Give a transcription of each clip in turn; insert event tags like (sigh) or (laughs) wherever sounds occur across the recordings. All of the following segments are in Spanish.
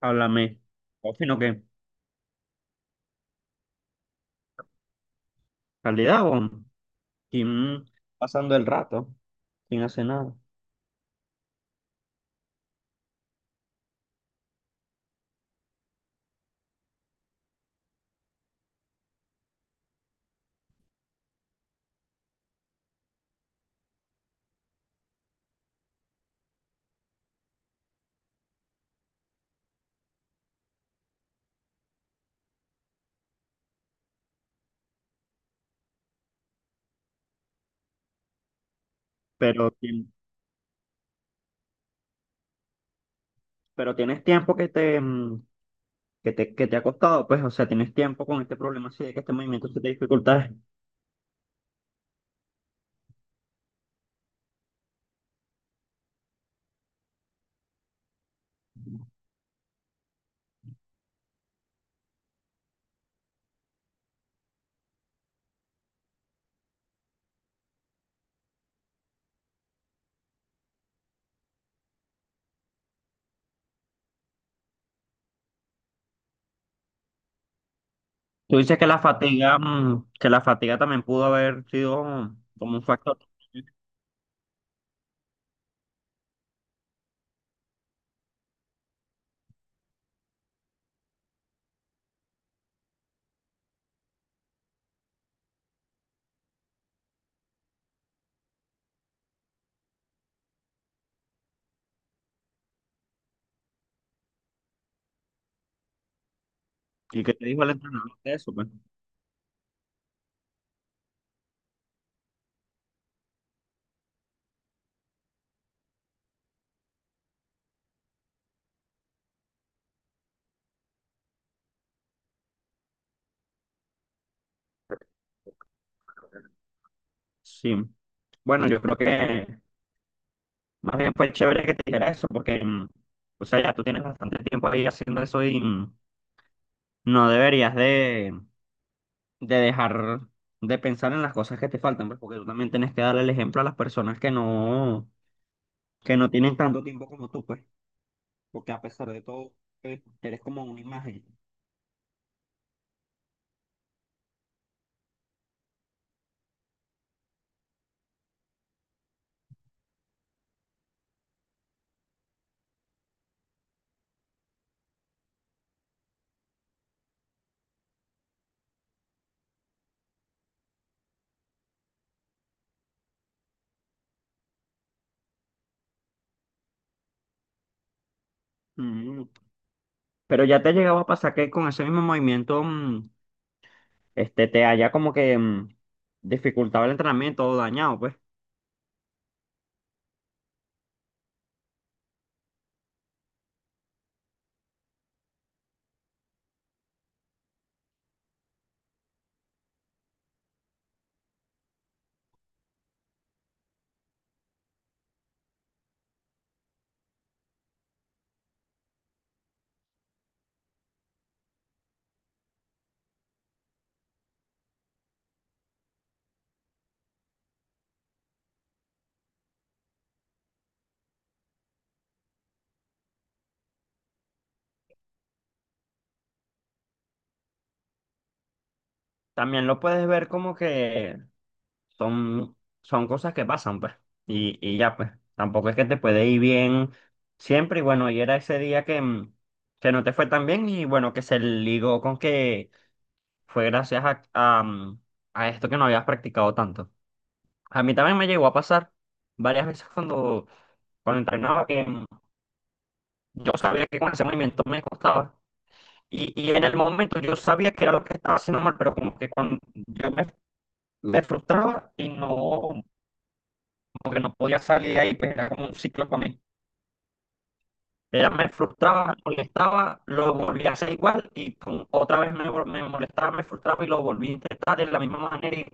Háblame, sino que calidad, weón. ¿Quién pasando el rato? ¿Quién hace nada? Pero, pero tienes tiempo que te, que te ha costado, pues, o sea, tienes tiempo con este problema así de que este movimiento se te dificulta. Tú dices que la fatiga, que la fatiga también pudo haber sido como un factor. ¿Y qué te dijo el entrenador de eso, pues? Sí. Bueno, yo creo que más bien fue chévere que te dijera eso, porque, o sea, ya tú tienes bastante tiempo ahí haciendo eso y no deberías de dejar de pensar en las cosas que te faltan, pues, porque tú también tienes que darle el ejemplo a las personas que no tienen tanto tiempo como tú, pues, porque a pesar de todo, eres como una imagen. Mm. Pero ya te ha llegado a pasar que con ese mismo movimiento, este, te haya como que dificultado el entrenamiento o dañado, pues. También lo puedes ver como que son, son cosas que pasan, pues. Y ya, pues, tampoco es que te puede ir bien siempre. Y bueno, y era ese día que, que no te fue tan bien y bueno, que se ligó con que fue gracias a, a esto que no habías practicado tanto. A mí también me llegó a pasar varias veces cuando, cuando entrenaba que yo sabía que con ese movimiento me costaba. Y en el momento yo sabía que era lo que estaba haciendo mal, pero como que cuando me frustraba y no, como que no podía salir de ahí, pues era como un ciclo para mí. Era, me frustraba, me molestaba, lo volví a hacer igual y otra vez me molestaba, me frustraba y lo volví a intentar de la misma manera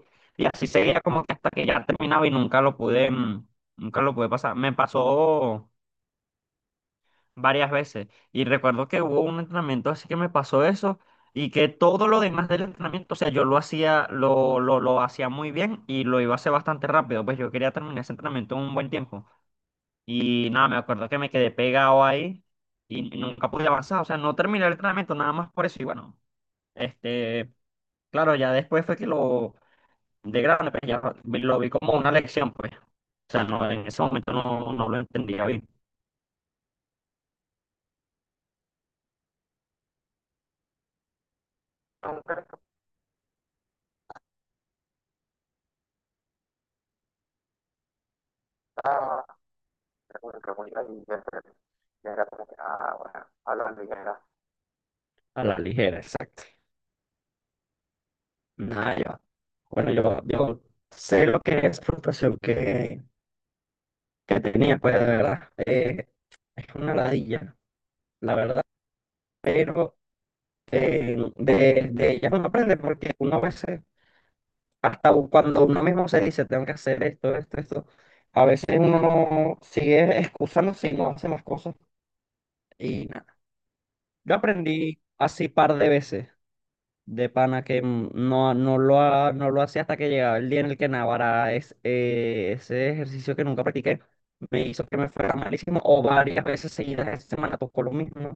y así seguía como que hasta que ya terminaba y nunca lo pude, nunca lo pude pasar. Me pasó varias veces y recuerdo que hubo un entrenamiento así que me pasó eso y que todo lo demás del entrenamiento, o sea, yo lo hacía, lo hacía muy bien y lo iba a hacer bastante rápido, pues yo quería terminar ese entrenamiento en un buen tiempo. Y nada, me acuerdo que me quedé pegado ahí y nunca pude avanzar, o sea, no terminé el entrenamiento nada más por eso. Y bueno, este, claro, ya después fue que lo, de grande, pues ya lo vi como una lección, pues. O sea, no, en ese momento no, no lo entendía bien. Ah, qué bonita y era como que, ah, bueno, hablando y era. A la ligera, exacto. Nada, yo, bueno, yo sé lo que es frustración que tenía, pues de verdad. Es una ladilla, la verdad. Pero de ellas uno aprende porque uno a veces, hasta cuando uno mismo se dice, tengo que hacer esto, esto, esto, a veces uno sigue excusándose y no hace las cosas y nada. Yo aprendí así par de veces. De pana que no, no lo hacía hasta que llegaba el día en el que Navarra es, ese ejercicio que nunca practiqué me hizo que me fuera malísimo o varias veces seguidas esa semana tocó lo mismo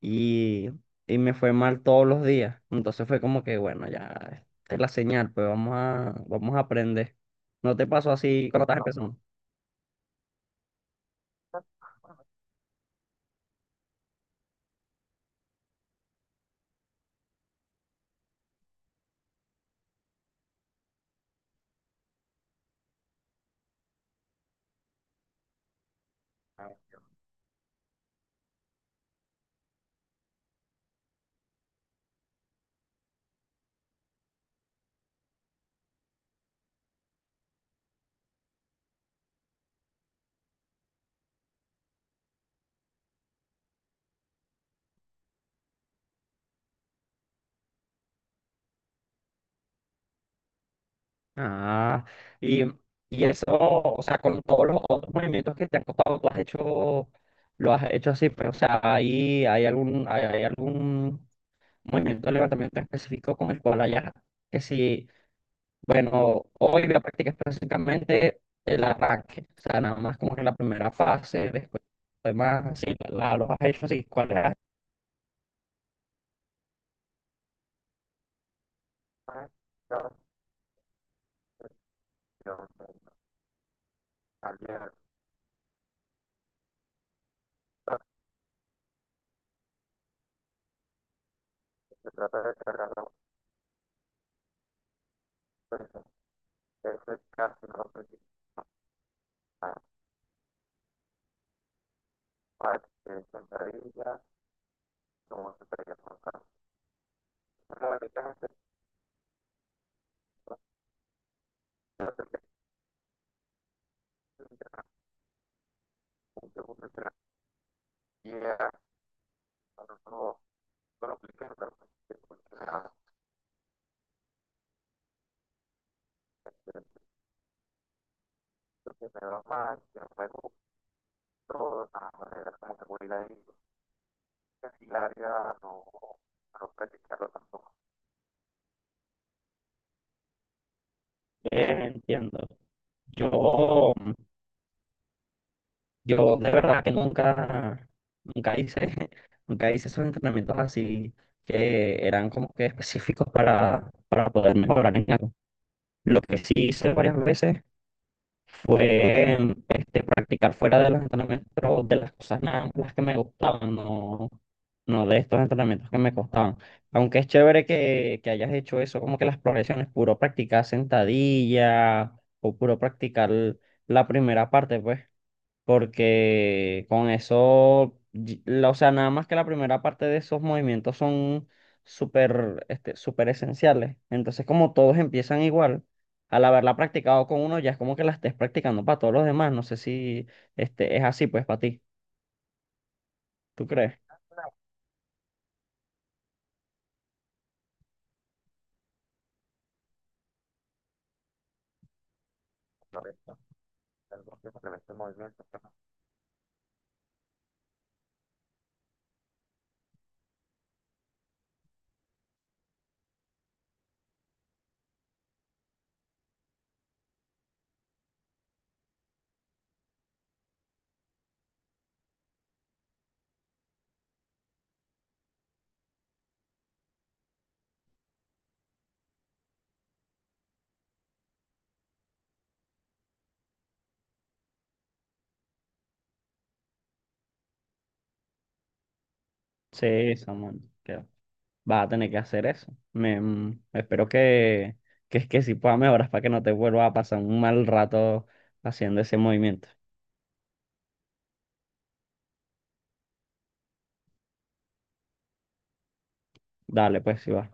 y, y me fue mal todos los días. Entonces fue como que bueno, ya esta es la señal, pues vamos a, vamos a aprender. ¿No te pasó así cuando estás empezando? Ah, y, y eso, o sea, con todos los otros movimientos que te han costado, tú has hecho, lo has hecho así, pero, o sea, ahí hay algún, hay algún movimiento de levantamiento específico con el cual hayas, que si, bueno, hoy voy a practicar específicamente el arranque, o sea, nada más como que la primera fase, después demás, así, los has hecho así, ¿cuál es? Entiendo. Yo. Yo de verdad que nunca, nunca hice, (laughs) nunca hice esos entrenamientos así que eran como que específicos para poder mejorar en algo. Lo que sí hice varias veces fue este, practicar fuera de los entrenamientos de las cosas nada, las que me gustaban, no, no de estos entrenamientos que me costaban. Aunque es chévere que hayas hecho eso, como que las progresiones, puro practicar sentadilla o puro practicar la primera parte, pues porque con eso, o sea, nada más que la primera parte de esos movimientos son súper, este, súper esenciales. Entonces, como todos empiezan igual, al haberla practicado con uno, ya es como que la estés practicando para todos los demás. No sé si este, es así, pues, para ti. ¿Tú crees? Sí, Samuel, que vas a tener que hacer eso. Espero que, que sí pueda mejorar para que no te vuelva a pasar un mal rato haciendo ese movimiento. Dale, pues, si va.